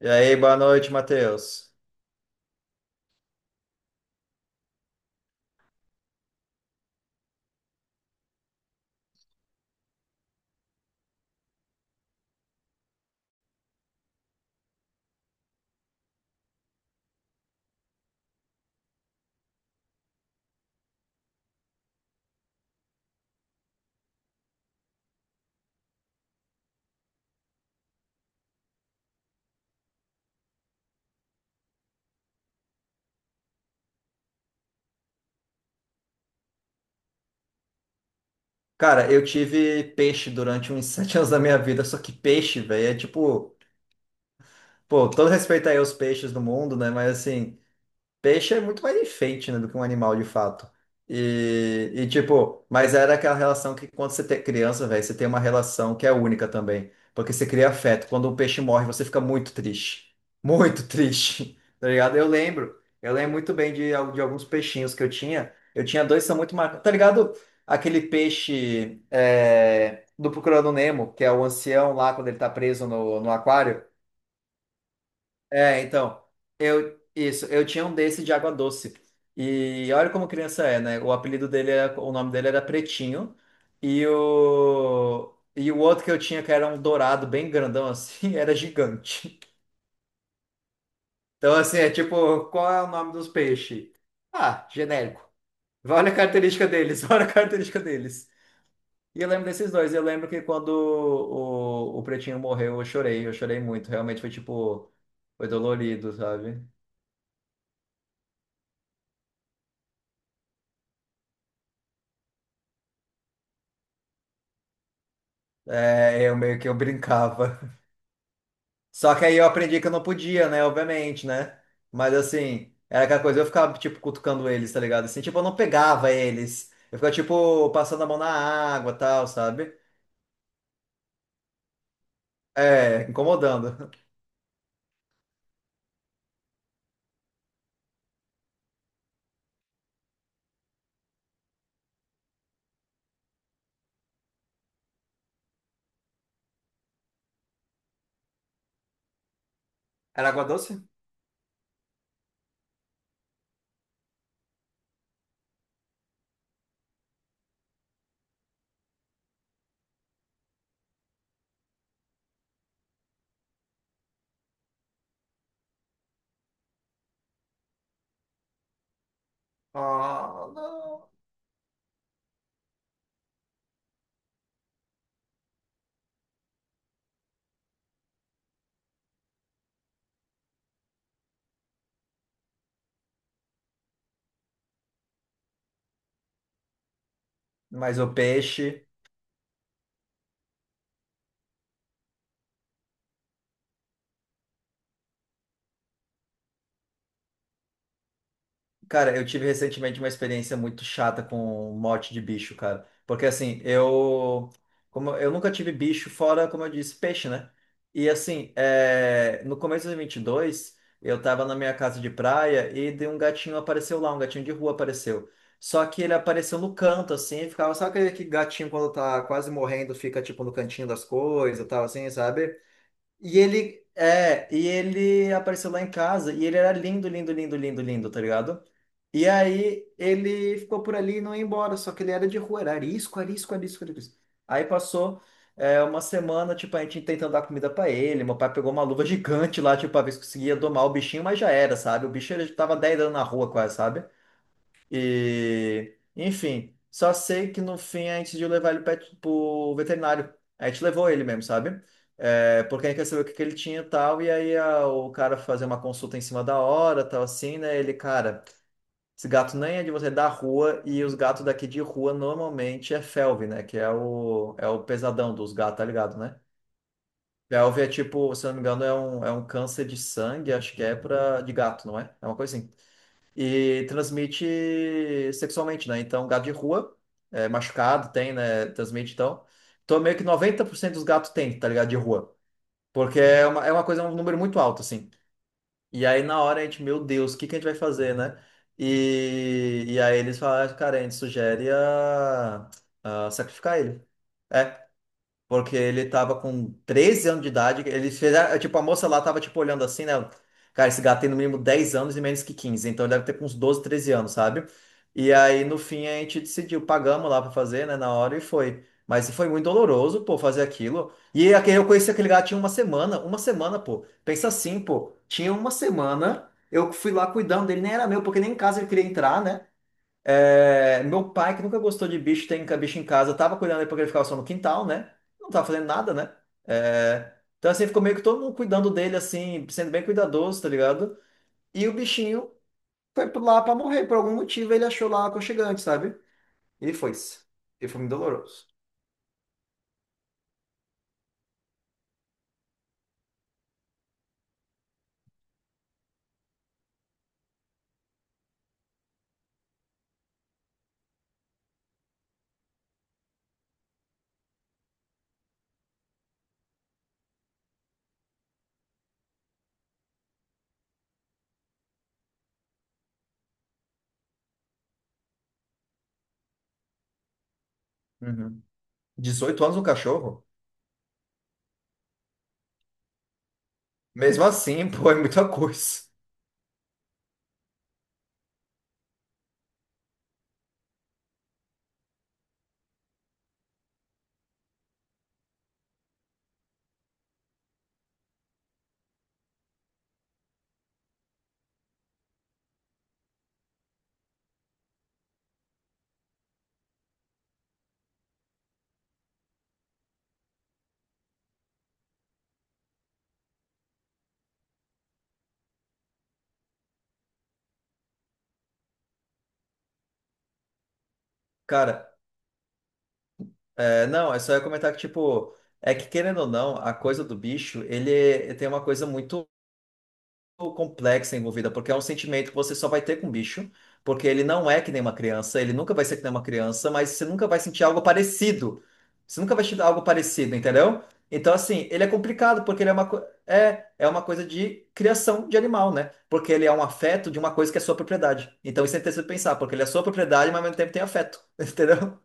E aí, boa noite, Matheus. Cara, eu tive peixe durante uns 7 anos da minha vida, só que peixe, velho, é tipo, pô, todo respeito aí aos peixes do mundo, né? Mas assim, peixe é muito mais enfeite, né, do que um animal de fato. E, tipo, mas era aquela relação que quando você tem criança, velho, você tem uma relação que é única também. Porque você cria afeto. Quando um peixe morre, você fica muito triste. Muito triste. Tá ligado? Eu lembro. Eu lembro muito bem de, de alguns peixinhos que eu tinha. Eu tinha dois que são muito marcados. Tá ligado? Aquele peixe é, do Procurando Nemo, que é o ancião lá quando ele tá preso no aquário. É, então, eu isso, eu tinha um desse de água doce. E olha como criança é, né? O apelido dele era, o nome dele era Pretinho, e o outro que eu tinha que era um dourado bem grandão assim, era gigante. Então assim, é tipo, qual é o nome dos peixes? Ah, genérico. Olha a característica deles, olha a característica deles. E eu lembro desses dois, eu lembro que quando o Pretinho morreu, eu chorei muito, realmente foi tipo, foi dolorido, sabe? É, eu meio que eu brincava. Só que aí eu aprendi que eu não podia, né? Obviamente, né? Mas assim, era aquela coisa, eu ficava, tipo, cutucando eles, tá ligado? Assim, tipo, eu não pegava eles. Eu ficava, tipo, passando a mão na água, tal, sabe? É, incomodando. Era água doce? Ah, não. Mas o peixe. Cara, eu tive recentemente uma experiência muito chata com morte de bicho, cara. Porque assim, eu, como eu nunca tive bicho fora, como eu disse, peixe, né? E assim, é, no começo de 22, eu tava na minha casa de praia e de um gatinho apareceu lá, um gatinho de rua apareceu. Só que ele apareceu no canto, assim, ficava, sabe aquele que gatinho quando tá quase morrendo, fica tipo no cantinho das coisas, e tal, assim, sabe? E ele, é, e ele apareceu lá em casa e ele era lindo, lindo, lindo, lindo, lindo, tá ligado? E aí ele ficou por ali e não ia embora, só que ele era de rua, era arisco, arisco, arisco, arisco. Aí passou uma semana, tipo, a gente tentando dar comida pra ele. Meu pai pegou uma luva gigante lá, tipo, pra ver se conseguia domar o bichinho, mas já era, sabe? O bicho ele tava 10 anos na rua quase, sabe? E, enfim, só sei que no fim a gente decidiu levar ele pro veterinário. A gente levou ele mesmo, sabe? É, porque a gente quer saber o que que ele tinha e tal, e aí o cara fazer uma consulta em cima da hora, tal assim, né? Ele, cara. Esse gato nem é de você da rua, e os gatos daqui de rua normalmente é felve, né? Que é o pesadão dos gatos, tá ligado, né? Felve é tipo, se eu não me engano, é um câncer de sangue, acho que é pra, de gato, não é? É uma coisa assim. E transmite sexualmente, né? Então, gato de rua, é, machucado, tem, né? Transmite, então. Então, meio que 90% dos gatos tem, tá ligado, de rua. Porque é uma coisa, um número muito alto, assim. E aí na hora a gente, meu Deus, o que que a gente vai fazer, né? E aí eles falaram, "Ah, cara, a gente sugere a sacrificar ele. É, porque ele tava com 13 anos de idade. Eles fizeram. Tipo, a moça lá tava, tipo, olhando assim, né? Cara, esse gato tem no mínimo 10 anos e menos que 15. Então ele deve ter com uns 12, 13 anos, sabe? E aí, no fim, a gente decidiu, pagamos lá pra fazer, né? Na hora e foi. Mas foi muito doloroso, pô, fazer aquilo. E aquele, eu conheci aquele gato tinha uma semana. Uma semana, pô. Pensa assim, pô. Tinha uma semana. Eu fui lá cuidando dele, nem era meu, porque nem em casa ele queria entrar, né? É, meu pai, que nunca gostou de bicho, tem bicho em casa, tava cuidando dele porque ele ficava só no quintal, né? Não tava fazendo nada, né? É, então, assim, ficou meio que todo mundo cuidando dele, assim, sendo bem cuidadoso, tá ligado? E o bichinho foi lá pra morrer, por algum motivo ele achou lá aconchegante, sabe? E foi-se. E foi muito doloroso. Uhum. 18 anos um cachorro? Mesmo assim, pô, é muita coisa. Cara, é, não, é só eu comentar que, tipo, é que querendo ou não, a coisa do bicho, ele tem uma coisa muito complexa envolvida, porque é um sentimento que você só vai ter com o bicho, porque ele não é que nem uma criança, ele nunca vai ser que nem uma criança, mas você nunca vai sentir algo parecido. Você nunca vai sentir algo parecido, entendeu? Então, assim, ele é complicado, porque ele é uma, é uma coisa de criação de animal, né? Porque ele é um afeto de uma coisa que é sua propriedade. Então, isso é interessante pensar, porque ele é sua propriedade, mas ao mesmo tempo tem afeto, entendeu?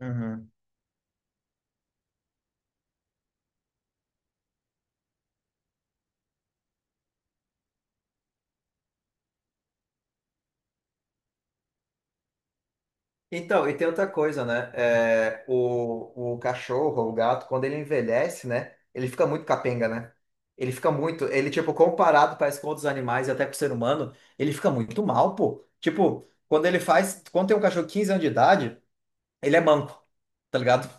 Uhum. Então, e tem outra coisa, né? É, o cachorro, o gato, quando ele envelhece, né? Ele fica muito capenga, né? Ele fica muito. Ele, tipo, comparado, parece com outros animais e até com o ser humano, ele fica muito mal, pô. Tipo, quando ele faz. Quando tem um cachorro de 15 anos de idade, ele é manco, tá ligado?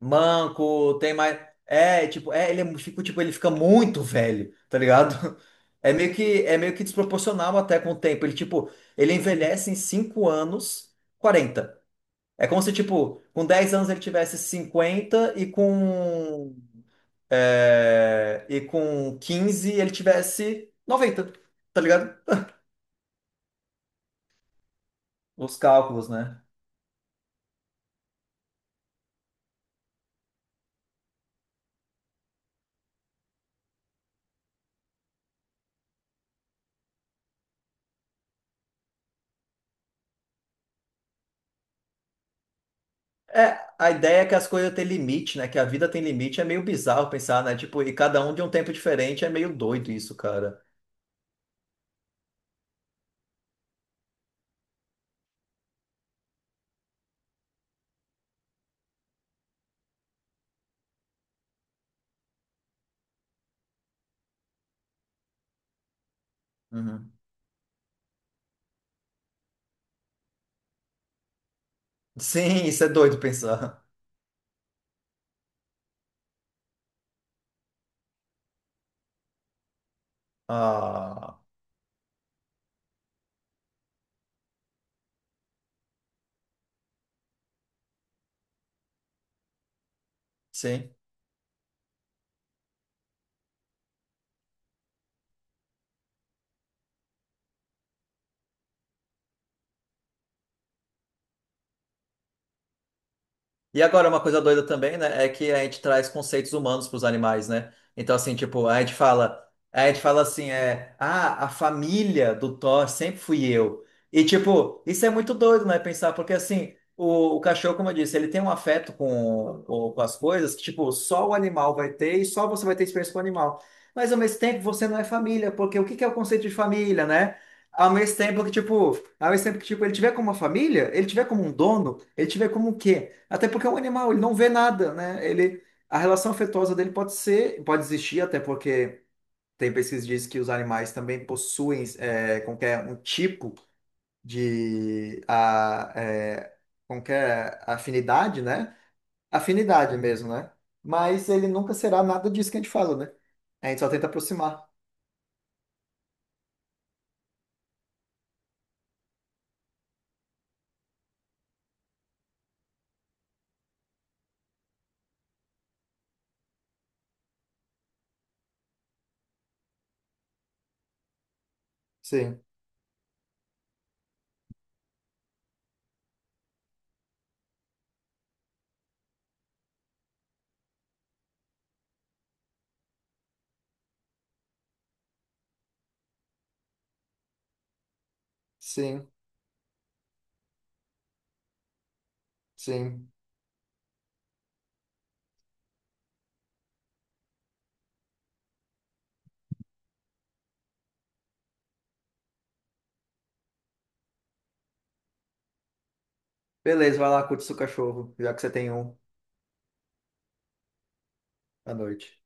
Manco, tem mais. É, tipo, é, ele é, tipo, ele fica muito velho, tá ligado? É meio que desproporcional até com o tempo. Ele, tipo, ele envelhece em 5 anos, 40. É como se, tipo, com 10 anos ele tivesse 50 e e com 15 ele tivesse 90. Tá ligado? Os cálculos, né? É, a ideia é que as coisas têm limite, né? Que a vida tem limite, é meio bizarro pensar, né? Tipo, e cada um de um tempo diferente, é meio doido isso, cara. Uhum. Sim, isso é doido pensar. Ah, sim. E agora, uma coisa doida também, né, é que a gente traz conceitos humanos para os animais, né? Então, assim, tipo, a gente fala assim, é, ah, a família do Thor sempre fui eu. E, tipo, isso é muito doido, né, pensar, porque, assim, o cachorro, como eu disse, ele tem um afeto com as coisas que, tipo, só o animal vai ter e só você vai ter experiência com o animal. Mas, ao mesmo tempo, você não é família, porque o que que é o conceito de família, né? Ao mesmo tempo que, tipo, ao mesmo tempo que, tipo, ele tiver como uma família, ele tiver como um dono, ele tiver como o quê? Até porque é um animal, ele não vê nada, né? Ele, a relação afetuosa dele pode ser, pode existir, até porque tem pesquisa que diz que os animais também possuem é, qualquer um tipo de a, é, qualquer afinidade, né? Afinidade mesmo, né? Mas ele nunca será nada disso que a gente fala, né? A gente só tenta aproximar. Sim, sim, sim. Beleza, vai lá, curte seu cachorro, já que você tem um à noite.